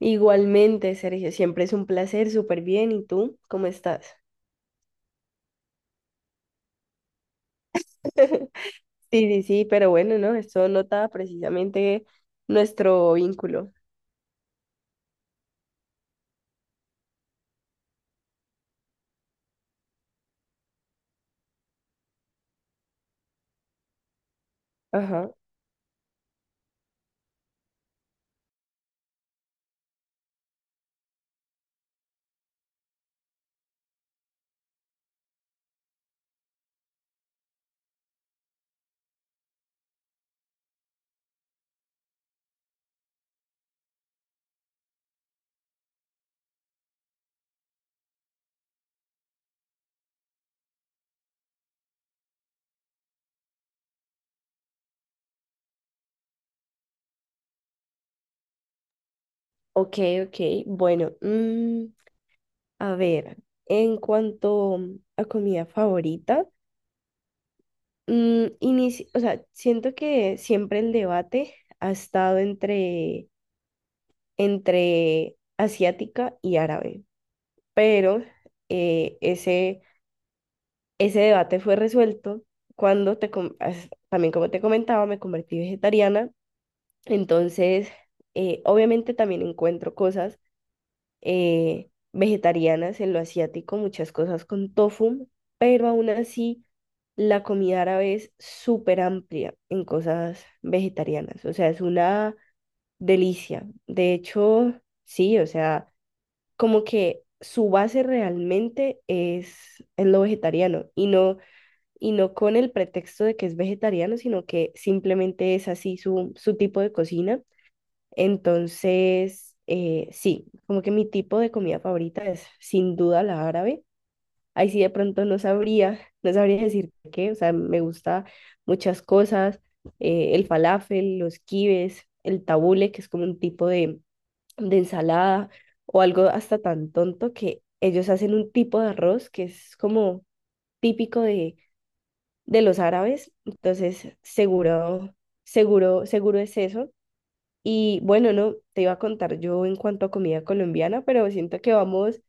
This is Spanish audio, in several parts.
Igualmente, Sergio, siempre es un placer, súper bien. ¿Y tú? ¿Cómo estás? Sí, sí, sí, pero bueno, ¿no? Esto nota precisamente nuestro vínculo. Ajá, ok, ok. Bueno, a ver, en cuanto a comida favorita, o sea, siento que siempre el debate ha estado entre asiática y árabe, pero eh, ese Ese debate fue resuelto cuando también como te comentaba, me convertí vegetariana. Entonces, obviamente también encuentro cosas vegetarianas en lo asiático, muchas cosas con tofu, pero aún así la comida árabe es súper amplia en cosas vegetarianas. O sea, es una delicia. De hecho, sí, o sea, como que su base realmente es lo vegetariano y no con el pretexto de que es vegetariano, sino que simplemente es así su tipo de cocina. Entonces, sí, como que mi tipo de comida favorita es sin duda la árabe. Ahí sí de pronto no sabría, no sabría decir qué, o sea, me gusta muchas cosas, el falafel, los kibes, el tabule, que es como un tipo de ensalada, o algo hasta tan tonto que ellos hacen un tipo de arroz que es como típico de los árabes, entonces seguro, seguro, seguro es eso. Y bueno, no, te iba a contar yo en cuanto a comida colombiana, pero siento que vamos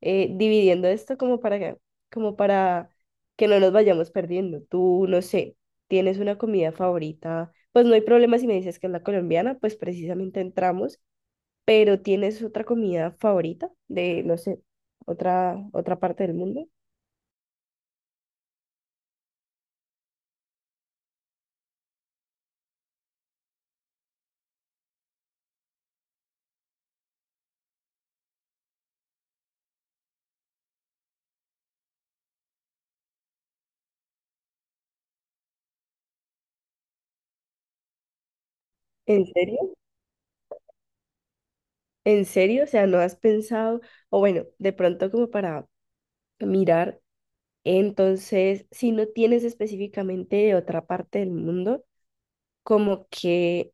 dividiendo esto como para que no nos vayamos perdiendo. Tú, no sé, tienes una comida favorita, pues no hay problema si me dices que es la colombiana, pues precisamente entramos, pero tienes otra comida favorita de, no sé, otra parte del mundo. ¿En serio? ¿En serio? O sea, ¿no has pensado? O bueno, de pronto como para mirar, entonces, si no tienes específicamente de otra parte del mundo, como que,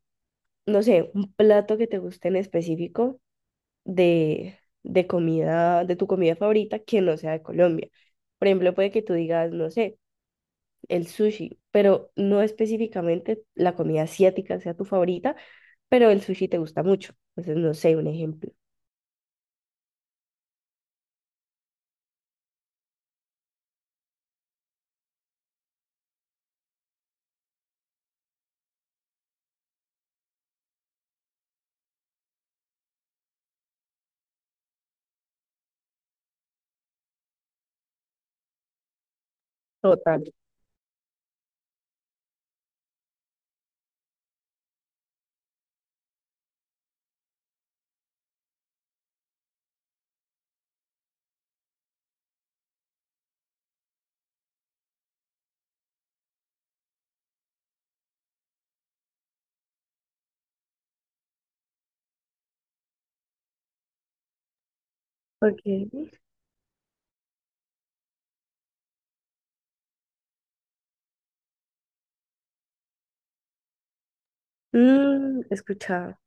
no sé, un plato que te guste en específico de, de comida, de tu comida favorita que no sea de Colombia. Por ejemplo, puede que tú digas, no sé, el sushi, pero no específicamente la comida asiática sea tu favorita, pero el sushi te gusta mucho. Entonces, no sé, un ejemplo. Total. Ok. He escuchado.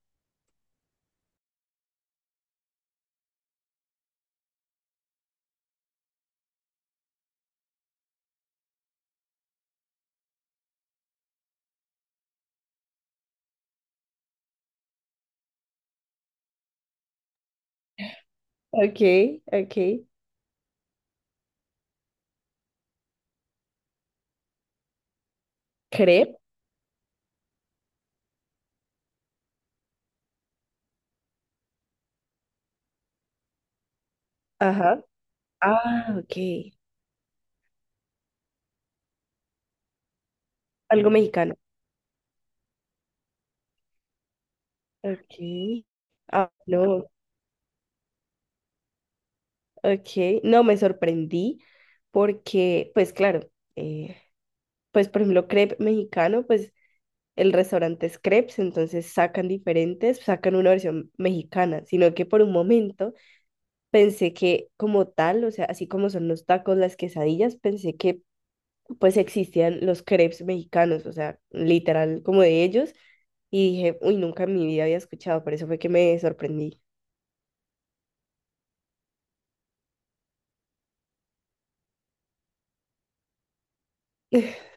Ok, ok. Crepe. Ajá. Ah, ok. Algo mexicano. Ok. Ah, no. Ok. No, me sorprendí porque, pues claro, eh, pues por ejemplo, crepe mexicano, pues el restaurante es crepes, entonces sacan diferentes, sacan una versión mexicana, sino que por un momento pensé que como tal, o sea, así como son los tacos, las quesadillas, pensé que pues existían los crepes mexicanos, o sea, literal como de ellos, y dije, uy, nunca en mi vida había escuchado, por eso fue que me sorprendí.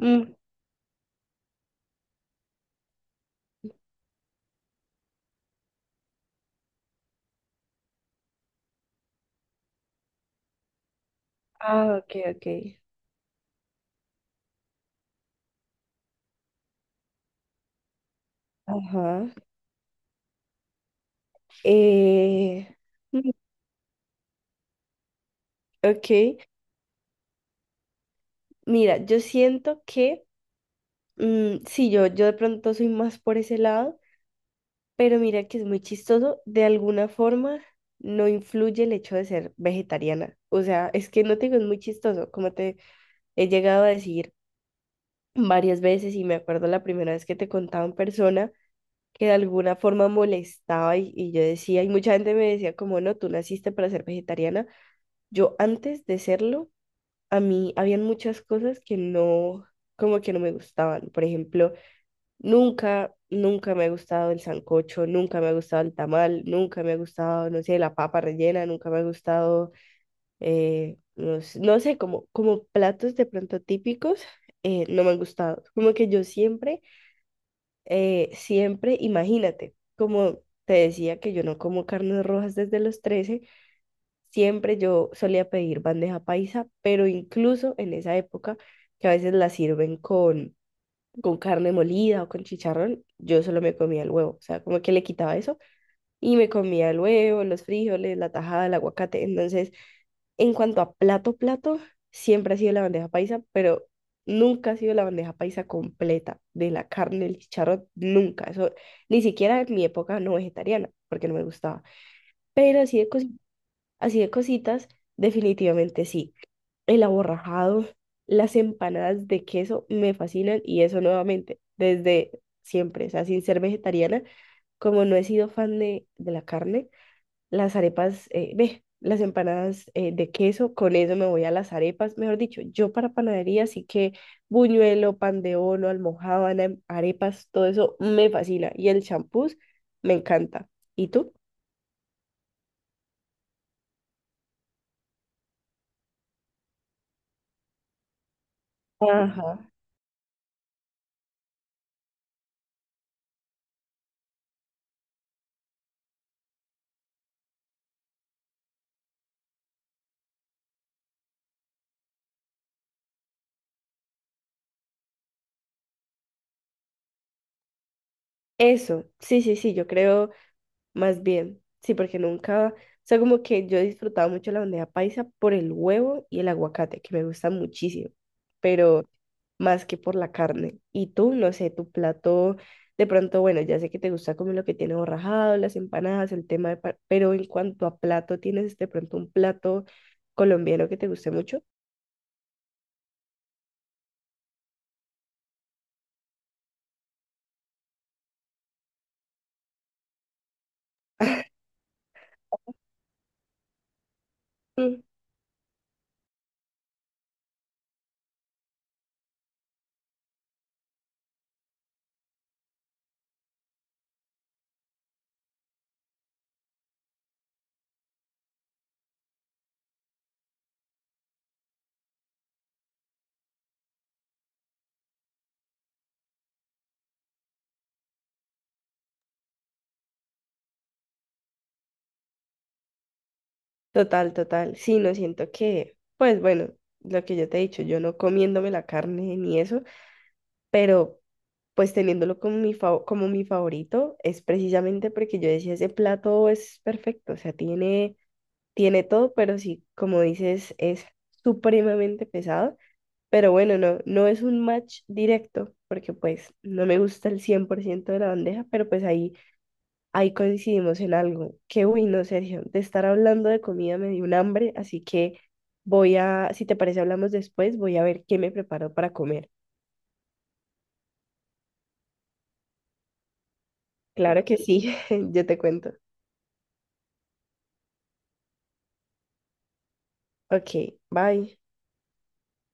Mm, ah, ok, ok. Ajá. Eh, mm, ok. Mira, yo siento que, sí, yo de pronto soy más por ese lado, pero mira que es muy chistoso, de alguna forma no influye el hecho de ser vegetariana. O sea, es que no te digo, es muy chistoso, como te he llegado a decir varias veces y me acuerdo la primera vez que te contaba en persona que de alguna forma molestaba y yo decía, y mucha gente me decía como, no, tú naciste para ser vegetariana. Yo antes de serlo, a mí habían muchas cosas que no, como que no me gustaban. Por ejemplo, nunca, nunca me ha gustado el sancocho, nunca me ha gustado el tamal, nunca me ha gustado, no sé, la papa rellena, nunca me ha gustado, no, no sé, como, platos de pronto típicos, no me han gustado. Como que yo siempre siempre, imagínate, como te decía que yo no como carnes rojas desde los 13 siempre yo solía pedir bandeja paisa, pero incluso en esa época que a veces la sirven con carne molida o con chicharrón, yo solo me comía el huevo, o sea, como que le quitaba eso y me comía el huevo, los frijoles, la tajada, el aguacate. Entonces, en cuanto a plato, plato, siempre ha sido la bandeja paisa, pero nunca ha sido la bandeja paisa completa de la carne, el chicharrón, nunca. Eso ni siquiera en mi época no vegetariana, porque no me gustaba. Pero así de, así de cositas, definitivamente sí. El aborrajado, las empanadas de queso me fascinan y eso nuevamente, desde siempre, o sea, sin ser vegetariana, como no he sido fan de la carne las arepas, ve, las empanadas de queso, con eso me voy a las arepas. Mejor dicho, yo para panadería sí que buñuelo, pan de bono, almojábana, arepas, todo eso me fascina. Y el champús me encanta. ¿Y tú? Ajá. Eso, sí, sí, sí, yo creo. Más bien, sí, porque nunca, o sea, como que yo he disfrutado mucho la bandeja paisa por el huevo y el aguacate, que me gusta muchísimo, pero más que por la carne. Y tú, no sé, tu plato, de pronto, bueno, ya sé que te gusta comer lo que tiene borrajado, las empanadas, el tema de, pero en cuanto a plato, ¿tienes de pronto un plato colombiano que te guste mucho? Mm. Total, total. Sí, no siento que, pues bueno, lo que yo te he dicho, yo no comiéndome la carne ni eso pero pues teniéndolo como mi, como mi favorito es precisamente porque yo decía, ese plato es perfecto, o sea, tiene, todo, pero sí, como dices, es supremamente pesado, pero bueno, no, no es un match directo, porque pues no me gusta el 100% de la bandeja, pero pues ahí, coincidimos en algo, que uy, no, Sergio, de estar hablando de comida me dio un hambre, así que voy a, si te parece, hablamos después, voy a ver qué me preparo para comer. Claro que sí, yo te cuento. Ok, bye.